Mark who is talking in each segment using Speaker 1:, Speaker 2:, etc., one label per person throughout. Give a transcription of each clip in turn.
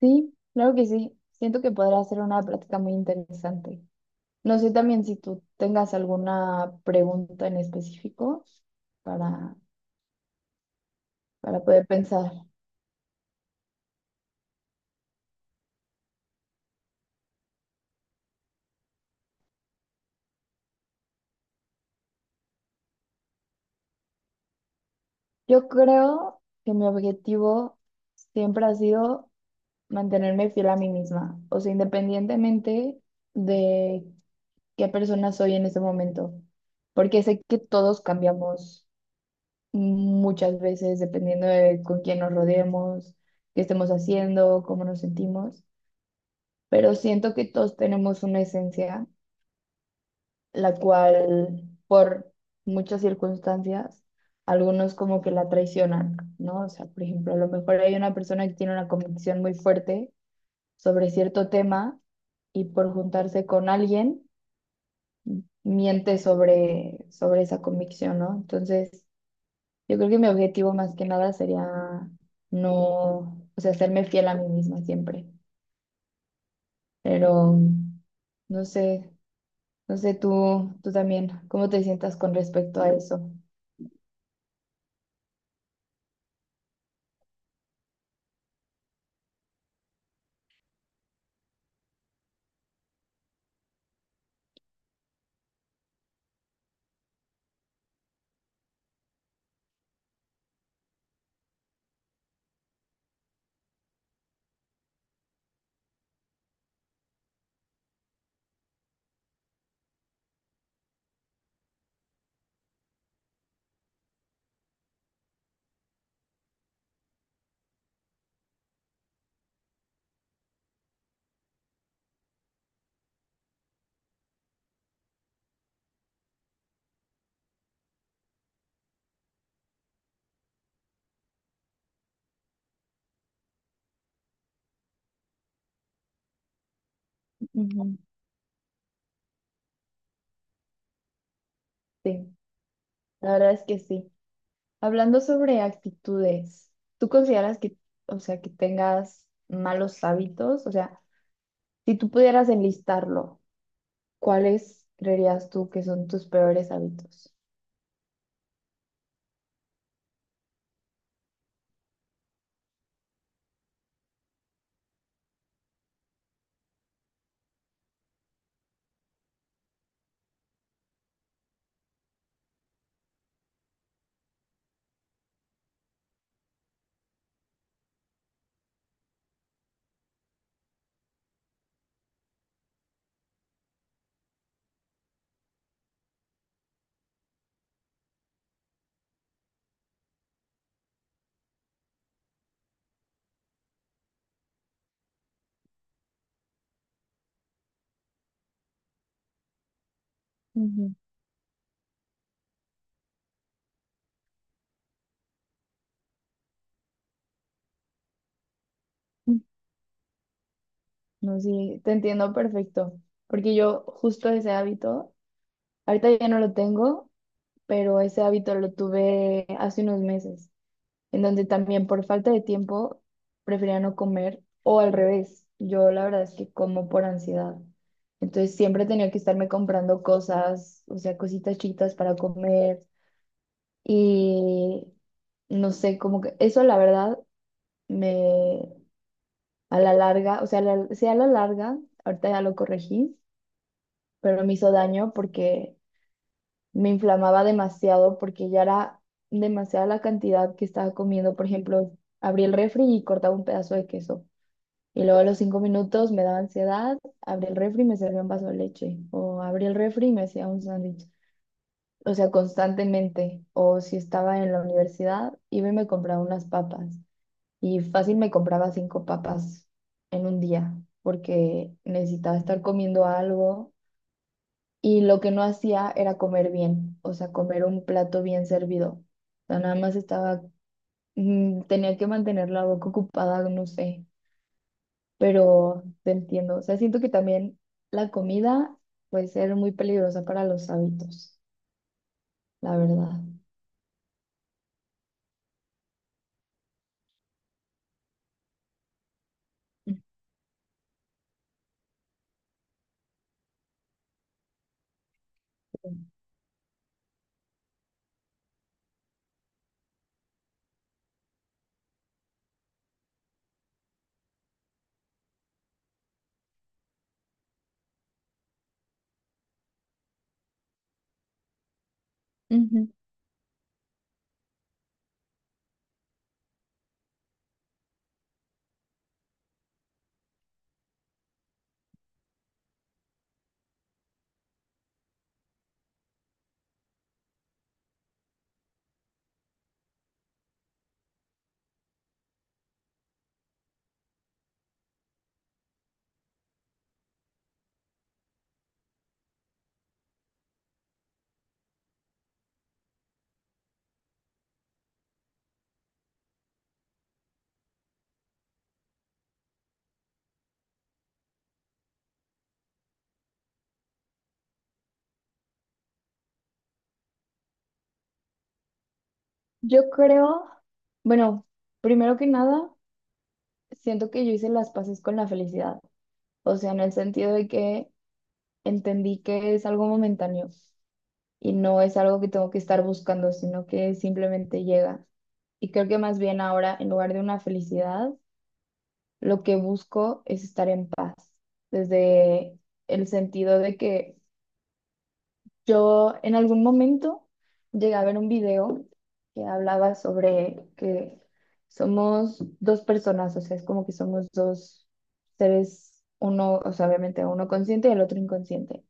Speaker 1: Sí, claro que sí. Siento que podrá ser una práctica muy interesante. No sé también si tú tengas alguna pregunta en específico para, para poder pensar. Yo creo que mi objetivo siempre ha sido mantenerme fiel a mí misma, o sea, independientemente de qué persona soy en ese momento, porque sé que todos cambiamos muchas veces dependiendo de con quién nos rodeemos, qué estemos haciendo, cómo nos sentimos, pero siento que todos tenemos una esencia, la cual por muchas circunstancias, algunos como que la traicionan, ¿no? O sea, por ejemplo, a lo mejor hay una persona que tiene una convicción muy fuerte sobre cierto tema y por juntarse con alguien, miente sobre esa convicción, ¿no? Entonces, yo creo que mi objetivo más que nada sería no, o sea, serme fiel a mí misma siempre, pero no sé. No sé, tú también, ¿cómo te sientas con respecto a eso? Ujú. Sí, la verdad es que sí. Hablando sobre actitudes, ¿tú consideras que, o sea, que tengas malos hábitos? O sea, si tú pudieras enlistarlo, ¿cuáles creerías tú que son tus peores hábitos? Ujú. No, sí, te entiendo perfecto, porque yo justo ese hábito, ahorita ya no lo tengo, pero ese hábito lo tuve hace unos meses, en donde también por falta de tiempo prefería no comer o al revés. Yo la verdad es que como por ansiedad. Entonces siempre tenía que estarme comprando cosas, o sea, cositas chiquitas para comer y no sé, como que eso la verdad me a la larga, o sea, sí a la larga, ahorita ya lo corregí, pero me hizo daño porque me inflamaba demasiado porque ya era demasiada la cantidad que estaba comiendo. Por ejemplo, abrí el refri y cortaba un pedazo de queso. Y luego a los 5 minutos me daba ansiedad, abrí el refri y me servía un vaso de leche. O abrí el refri y me hacía un sándwich. O sea, constantemente. O si estaba en la universidad, iba y me compraba unas papas. Y fácil me compraba 5 papas en un día, porque necesitaba estar comiendo algo y lo que no hacía era comer bien, o sea, comer un plato bien servido. O sea, nada más estaba, tenía que mantener la boca ocupada, no sé, pero te entiendo. O sea, siento que también la comida puede ser muy peligrosa para los hábitos, la verdad. Ujú. Ujú. Yo creo, bueno, primero que nada, siento que yo hice las paces con la felicidad, o sea, en el sentido de que entendí que es algo momentáneo y no es algo que tengo que estar buscando, sino que simplemente llega. Y creo que más bien ahora, en lugar de una felicidad, lo que busco es estar en paz, desde el sentido de que yo en algún momento llegué a ver un video que hablaba sobre que somos dos personas, o sea, es como que somos dos seres, uno, o sea, obviamente uno consciente y el otro inconsciente.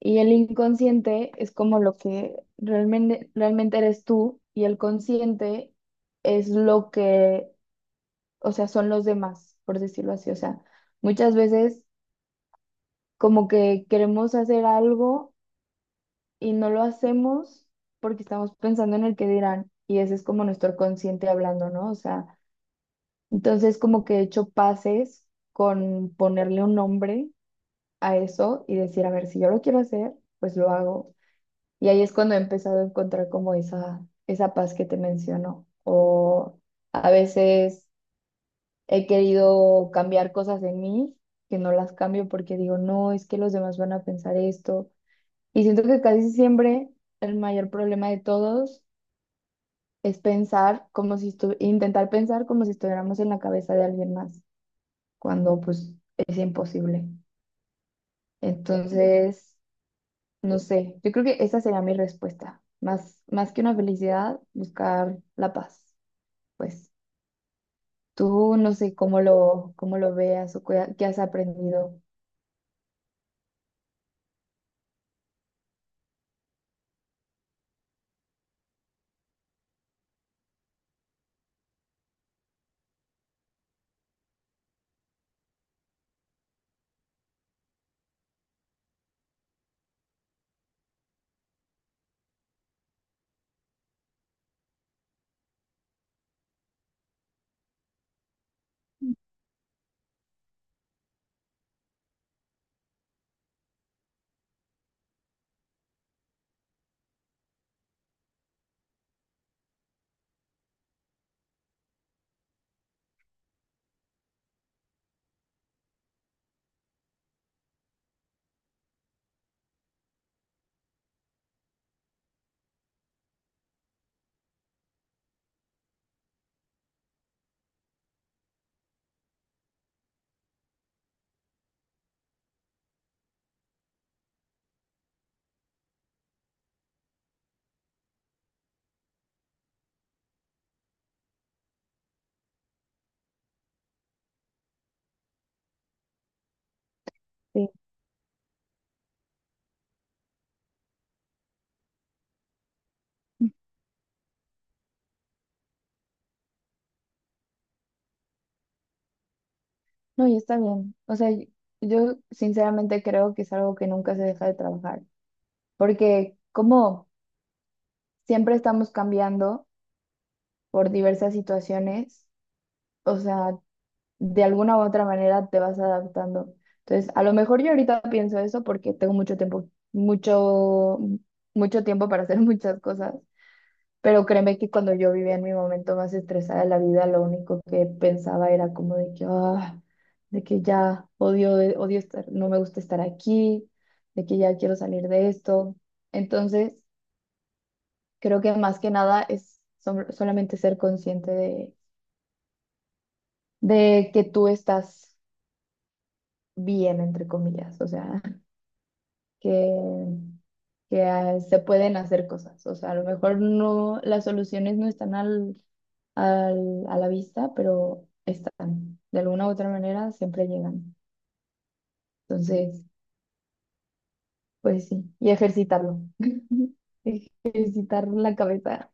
Speaker 1: Y el inconsciente es como lo que realmente, realmente eres tú y el consciente es lo que, o sea, son los demás, por decirlo así. O sea, muchas veces como que queremos hacer algo y no lo hacemos porque estamos pensando en el que dirán y ese es como nuestro consciente hablando, ¿no? O sea, entonces como que he hecho pases con ponerle un nombre a eso y decir, a ver, si yo lo quiero hacer, pues lo hago. Y ahí es cuando he empezado a encontrar como esa paz que te menciono. O a veces he querido cambiar cosas en mí que no las cambio porque digo, no, es que los demás van a pensar esto. Y siento que casi siempre el mayor problema de todos es pensar como si intentar pensar como si estuviéramos en la cabeza de alguien más, cuando pues es imposible. Entonces. No sé, yo creo que esa sería mi respuesta. Más que una felicidad, buscar la paz. Pues tú no sé cómo lo veas o qué has aprendido. Sí. No, y está bien. O sea, y- yo sinceramente creo que es algo que nunca se deja de trabajar, porque como siempre estamos cambiando por diversas situaciones, o sea, de alguna u otra manera te vas adaptando. Entonces, a lo mejor yo ahorita pienso eso porque tengo mucho tiempo, mucho, mucho tiempo para hacer muchas cosas, pero créeme que cuando yo vivía en mi momento más estresada de la vida, lo único que pensaba era como de que, de que ya odio, odio estar, no me gusta estar aquí, de que ya quiero salir de esto. Entonces, creo que más que nada es solamente ser consciente de que tú estás bien, entre comillas, o sea. que, que se pueden hacer cosas. O sea, a lo mejor no, las soluciones no están a la vista, pero están. De alguna u otra manera siempre llegan. Entonces, pues sí, y ejercitarlo. Ejercitar la cabeza.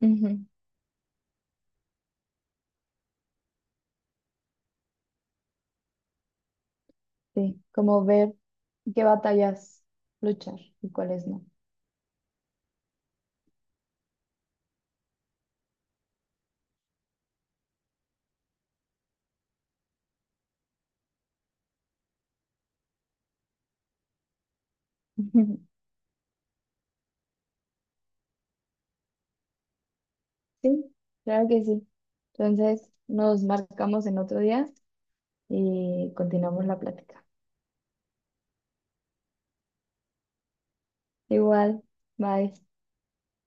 Speaker 1: Ujú. Sí, como ver qué batallas luchar y cuáles no. Sí, claro que sí. Entonces, nos marcamos en otro día y continuamos la plática. Igual, bye.